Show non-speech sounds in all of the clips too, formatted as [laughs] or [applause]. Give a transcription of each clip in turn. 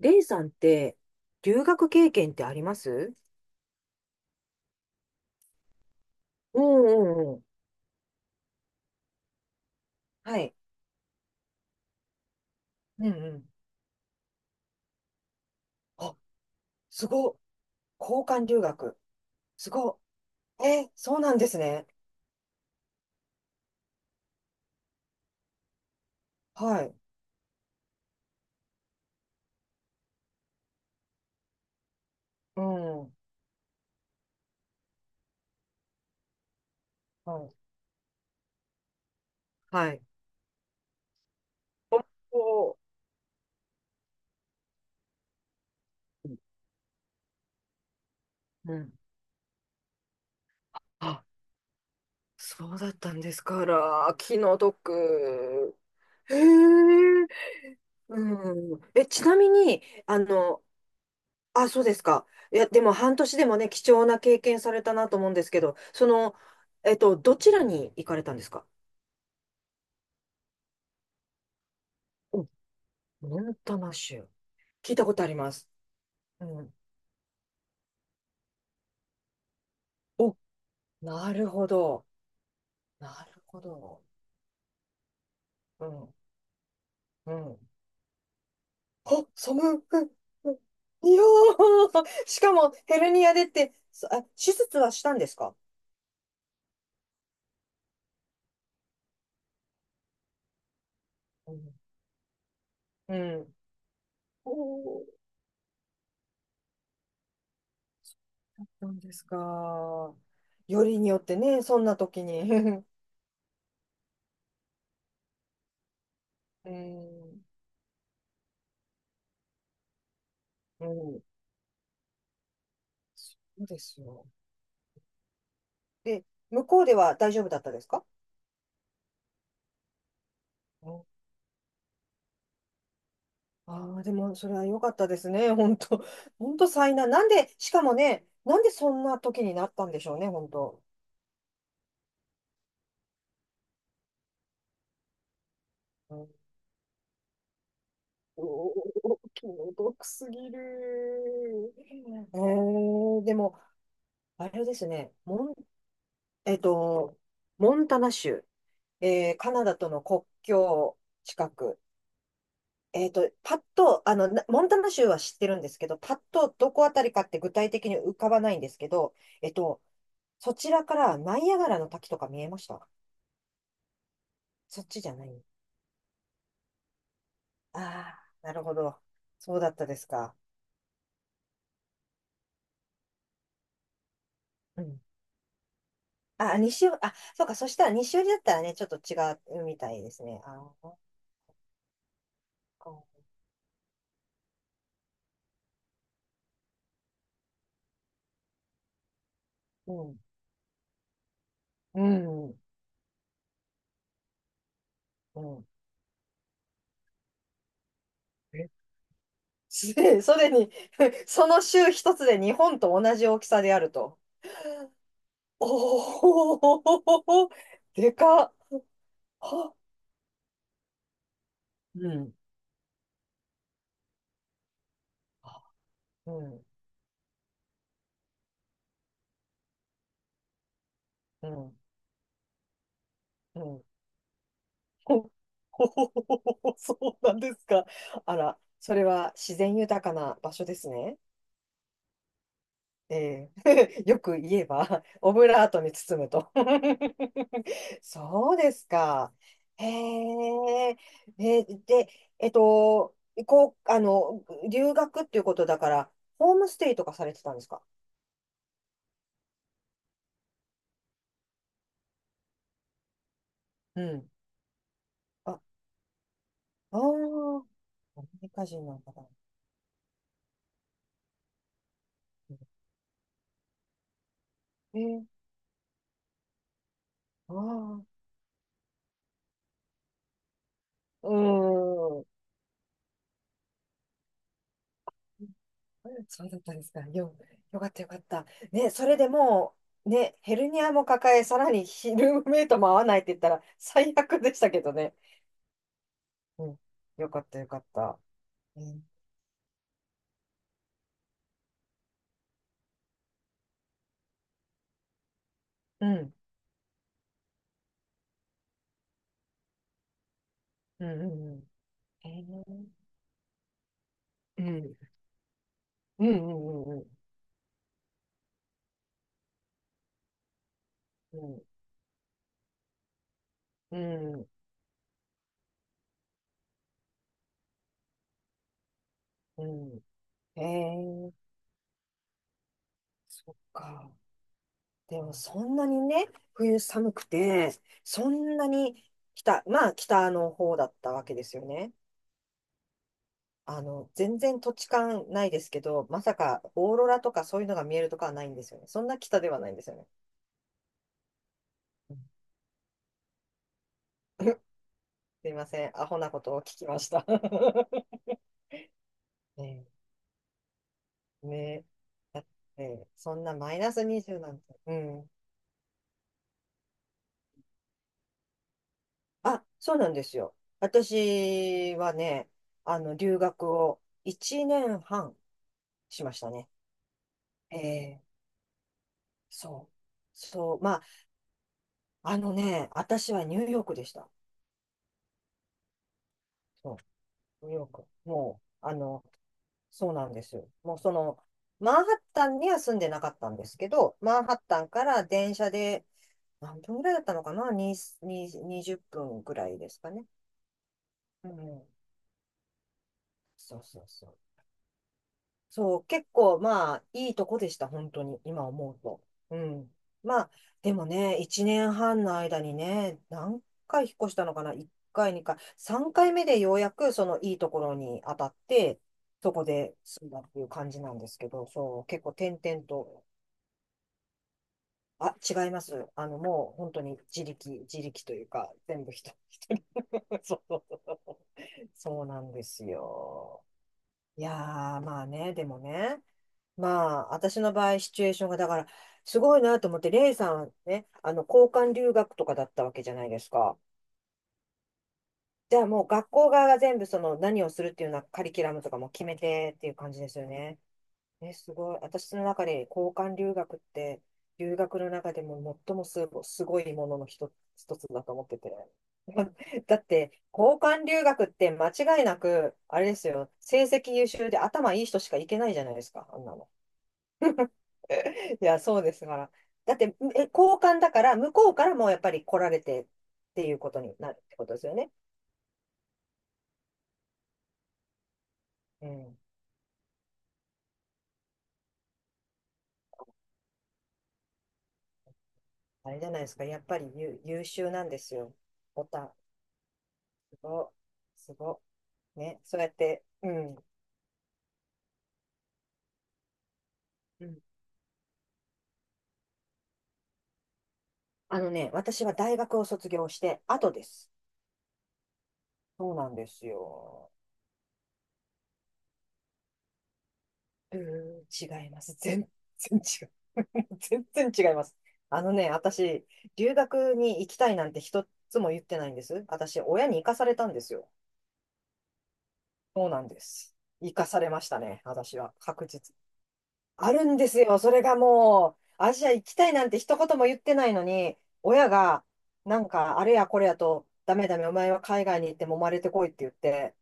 レイさんって、留学経験ってあります？うんうんうん。はい。うんうん。あ、すごっ。交換留学。すごっ。そうなんですね。はい。うん。はい。はい。おー。うん。あ、そうだったんですから。気の毒。へえ。うん。え、ちなみに、あ、そうですか。いや、でも半年でもね、貴重な経験されたなと思うんですけど、その、どちらに行かれたんですか？お、モンタナ州。聞いたことあります。うん。お、なるほど。なるほど。うん。うん。あ、寒い。うんうん。いやー、[laughs] しかもヘルニアでって、手術はしたんですか？うん。うん。おー。そうなんですか。よりによってね、そんな時に。[laughs] うん。うん、そうですよ。で、向こうでは大丈夫だったですか？うん。ああでも、それは良かったですね。本当 [laughs] 本当災難。なんで、しかもね、なんでそんな時になったんでしょうね、本当。うん、おー気の毒すぎる。えー、でも、あれですね、えっと、モンタナ州、えーカナダとの国境近く。えっと、パッと、なモンタナ州は知ってるんですけど、パッとどこあたりかって具体的に浮かばないんですけど、えっと、そちらからナイアガラの滝とか見えました？そっちじゃない？ああー、なるほど。そうだったですか。うん。あ、西寄り、あ、そうか、そしたら西寄りだったらね、ちょっと違うみたいですね。ああ、そっか。うん。うん。うん。えすでそれに、[laughs] その州一つで日本と同じ大きさであると。お。お、[laughs] でかっ。は。うん。あ。うん、うん、うん。ほ、ほほほほほほ [laughs] そうなんですか。あら、それは自然豊かな場所ですね。ええ [laughs] よく言えば、[laughs] オブラートに包むと。[laughs] そうですか。へえ、え、で、えっと、こう、あの、留学っていうことだから、ホームステイとかされてたんですか？うん。あ。ああ、アメリカ人なんだ。えー、ああ。うーん。そうだったんですか。よ、よかったよかった。ね、それでも、ね、ヘルニアも抱え、さらにヒルームメイトも合わないって言ったら最悪でしたけどね。うん。よかったよかった。うん。うん。うん。うん。うん。えー。うん。うん。うん。うん。うん。うんうん。えー、そっか。でもそんなにね、冬寒くて、そんなに北、まあ北の方だったわけですよね。全然土地勘ないですけど、まさかオーロラとかそういうのが見えるとかはないんですよね。そんな北ではないんですよね。うん。 [laughs] すいません。アホなことを聞きました。[laughs] ね。え、ね。え、ねえそんなマイナス20なんて。うん。あ、そうなんですよ。私はね、留学を1年半しましたね。ええ、そう。そう。まあ、あのね、私はニューヨークでした。そう、ニューヨーク。もう、そうなんですよ。もうその、マンハッタンには住んでなかったんですけど、マンハッタンから電車で、何分ぐらいだったのかな、に20分ぐらいですかね。うん。そうそうそう。そう、結構まあ、いいとこでした、本当に、今思うと。うん。まあ、でもね、1年半の間にね、何回引っ越したのかな？ 1 回、2回、3回目でようやくそのいいところに当たって、そこで住んだっていう感じなんですけど、そう、結構転々と。あ、違います。もう本当に自力、自力というか、全部一人一人。[laughs] そうそうそう。そうなんですよ。いやー、まあね、でもね、まあ、私の場合、シチュエーションが、だから、すごいなと思って、レイさんはね、交換留学とかだったわけじゃないですか。じゃあもう学校側が全部その何をするっていうようなカリキュラムとかも決めてっていう感じですよね。え、すごい。私の中で交換留学って、留学の中でも最もすご、すごいものの一つだと思ってて。[laughs] だって、交換留学って間違いなく、あれですよ、成績優秀で頭いい人しか行けないじゃないですか、あんなの。[laughs] いや、そうですから。だって、え、交換だから、向こうからもやっぱり来られてっていうことになるってことですよね。うん。あれじゃないですか、やっぱり優、優秀なんですよ。おた、すご、すご。ね、そうやって、うん。うん。あのね、私は大学を卒業して後です。そうなんですよ。うーん、違います。全然違う。[laughs] 全然違います。あのね、私、留学に行きたいなんて一つも言ってないんです。私、親に行かされたんですよ。そうなんです。行かされましたね、私は。確実。あるんですよ。それがもう、アジア行きたいなんて一言も言ってないのに、親が、なんか、あれやこれやと、ダメダメ、お前は海外に行って揉まれてこいって言って、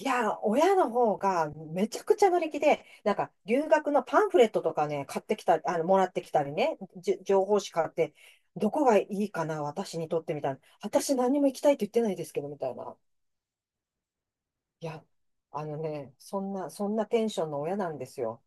いや、親の方がめちゃくちゃ乗り気で、なんか留学のパンフレットとかね、買ってきた、もらってきたりね、じ情報誌買って、どこがいいかな、私にとってみたいな。私何も行きたいと言ってないですけど、みたいな。いや、あのね、そんなテンションの親なんですよ。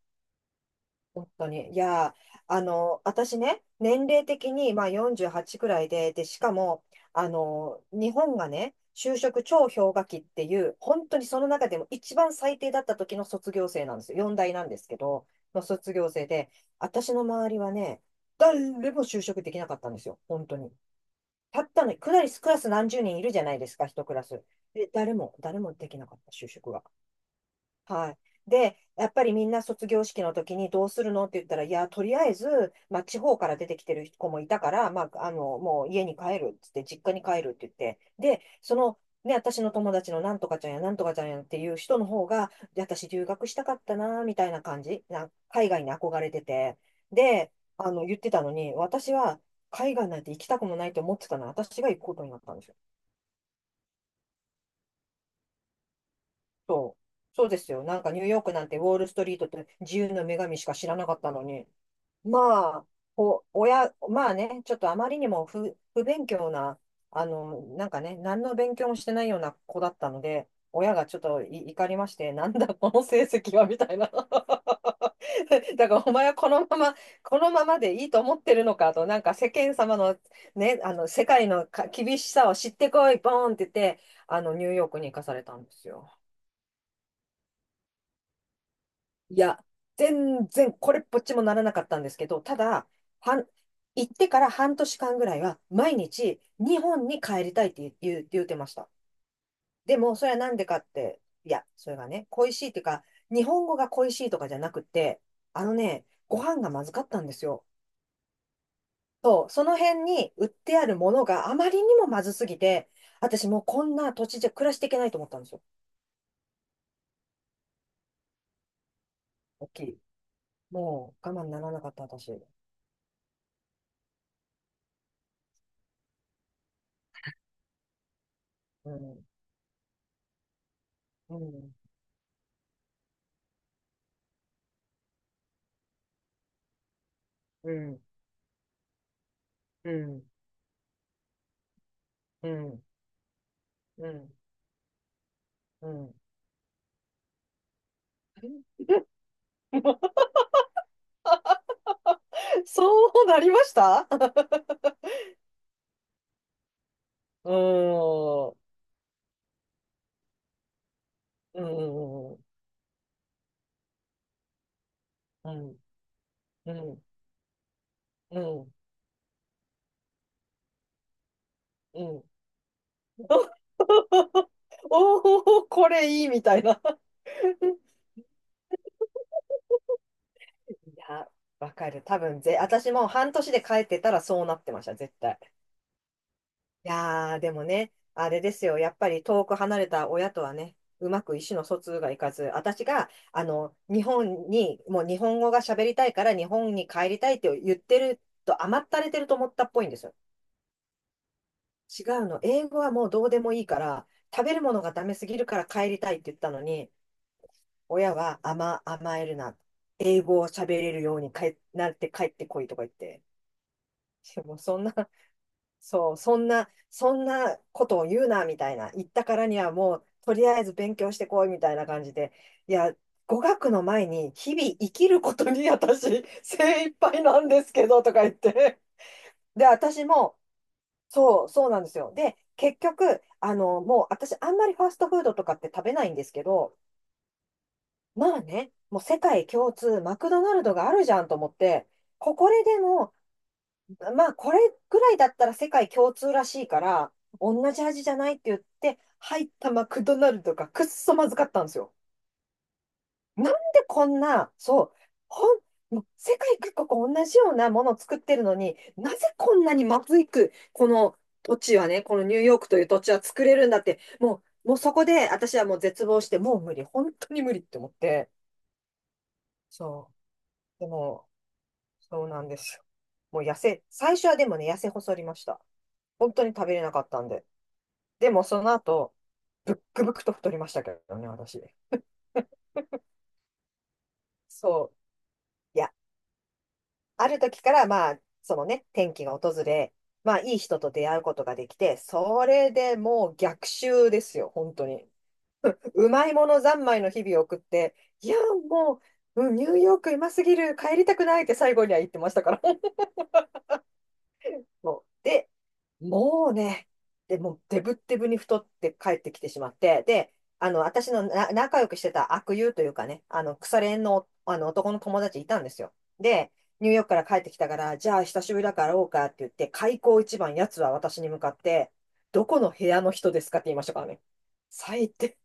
本当に。いやー、私ね、年齢的に、まあ、48くらいで、で、しかも、日本がね、就職超氷河期っていう、本当にその中でも一番最低だった時の卒業生なんですよ。4大なんですけど、の卒業生で、私の周りはね、誰も就職できなかったんですよ。本当に。たったの、クラス何十人いるじゃないですか、一クラス。で、誰もできなかった、就職が。はい。で、やっぱりみんな卒業式の時にどうするのって言ったら、いや、とりあえず、まあ、地方から出てきてる子もいたから、まあ、もう家に帰るっつって、実家に帰るって言って、で、その、ね、私の友達のなんとかちゃんやなんとかちゃんやっていう人の方が、で私留学したかったな、みたいな感じ、な、海外に憧れてて、で、言ってたのに、私は海外なんて行きたくもないと思ってたのに、私が行くことになったんですよ。そう、そうですよ。なんかニューヨークなんてウォールストリートって自由の女神しか知らなかったのに。まあ、親、まあね、ちょっとあまりにも不勉強な、なんかね、何の勉強もしてないような子だったので、親がちょっと怒りまして、なんだこの成績はみたいな。[laughs] だからお前はこのままでいいと思ってるのかと、なんか世間様のね、あの世界の厳しさを知ってこい、ボーンって言って、ニューヨークに行かされたんですよ。いや、全然これっぽっちもならなかったんですけど、ただ、半行ってから半年間ぐらいは、毎日日本に帰りたいって言うてました。でも、それはなんでかって、いや、それがね、恋しいっていうか、日本語が恋しいとかじゃなくて、あのね、ご飯がまずかったんですよ。そう、その辺に売ってあるものがあまりにもまずすぎて、私もうこんな土地じゃ暮らしていけないと思ったんですよ。大きい。もう我慢ならなかった私。うん、うん、うん、うん。うん、うん、うん。[laughs] そうなりました。 [laughs] うーん、うん、うん、うん、うん、うん。[laughs] うん。[laughs] おお、これいいみたいな。 [laughs] いや、わかる。多分私も半年で帰ってたらそうなってました、絶対。いやー、でもね、あれですよ。やっぱり遠く離れた親とはね、うまく意思の疎通がいかず、私が、日本に、もう日本語が喋りたいから日本に帰りたいって言ってると甘ったれてると思ったっぽいんですよ。違うの。英語はもうどうでもいいから、食べるものがダメすぎるから帰りたいって言ったのに、親は甘えるな。英語を喋れるようになって帰ってこいとか言って。[laughs] もうそんなことを言うな、みたいな。言ったからにはもう、とりあえず勉強してこい、みたいな感じで。いや、語学の前に、日々生きることに私、[laughs] 精一杯なんですけど、とか言って。で、私も、そう、そうなんですよ。で、結局、もう私、あんまりファストフードとかって食べないんですけど、まあね、もう世界共通、マクドナルドがあるじゃんと思って、ここででも、まあ、これぐらいだったら世界共通らしいから、同じ味じゃないって言って、入ったマクドナルドがくっそまずかったんですよ。なんでこんな、そう、ほん、もう世界各国同じようなものを作ってるのに、なぜこんなにまずいく、この土地はね、このニューヨークという土地は作れるんだって、もうそこで私はもう絶望して、もう無理、本当に無理って思って、そう、でも、そうなんですよ。もう最初はでもね、痩せ細りました。本当に食べれなかったんで。でもその後、ブックブクと太りましたけどね、私。そう。いや、ある時からまあ、そのね、転機が訪れ、まあ、いい人と出会うことができて、それでもう逆襲ですよ、本当に。うまいもの三昧の日々を送って、いや、もう、うんニューヨークうますぎる、帰りたくないって最後には言ってましたから。[laughs] そうで、もうね、でもうデブッデブに太って帰ってきてしまって、で、私の仲良くしてた悪友というかね、腐れ縁の、あの男の友達いたんですよ。で、ニューヨークから帰ってきたから、じゃあ久しぶりだから会おうかって言って、開口一番、やつは私に向かって、どこの部屋の人ですかって言いましたからね。最低。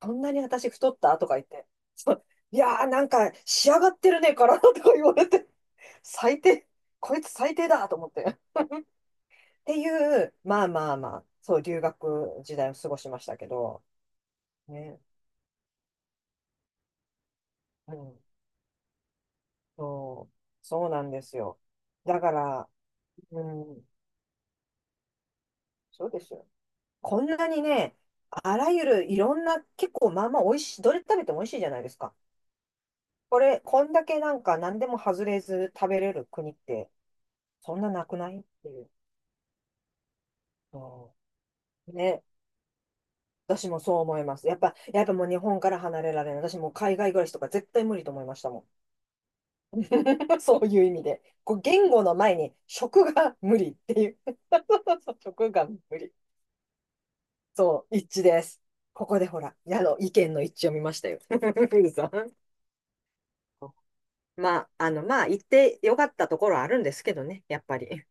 こんなに私太ったとか言って。そう、いやー、なんか仕上がってるね、体とか言われて。最低。こいつ最低だと思って。ていう、まあまあまあ、そう、留学時代を過ごしましたけど、ね、うん、そう、そうなんですよ。だから、うん、そうですよ。こんなにね、あらゆるいろんな、結構まあまあ美味しい、どれ食べても美味しいじゃないですか。こんだけなんか何でも外れず食べれる国って、そんななくないっていう。そうね、私もそう思います。やっぱもう日本から離れられない。私もう海外暮らしとか絶対無理と思いましたもん。[laughs] そういう意味で。こう言語の前に食が無理っていう。[laughs] 食が無理。そう、一致です。ここでほら、矢の意見の一致を見ましたよ。[laughs] ウルさん、まあ、まあ、言ってよかったところはあるんですけどね、やっぱり。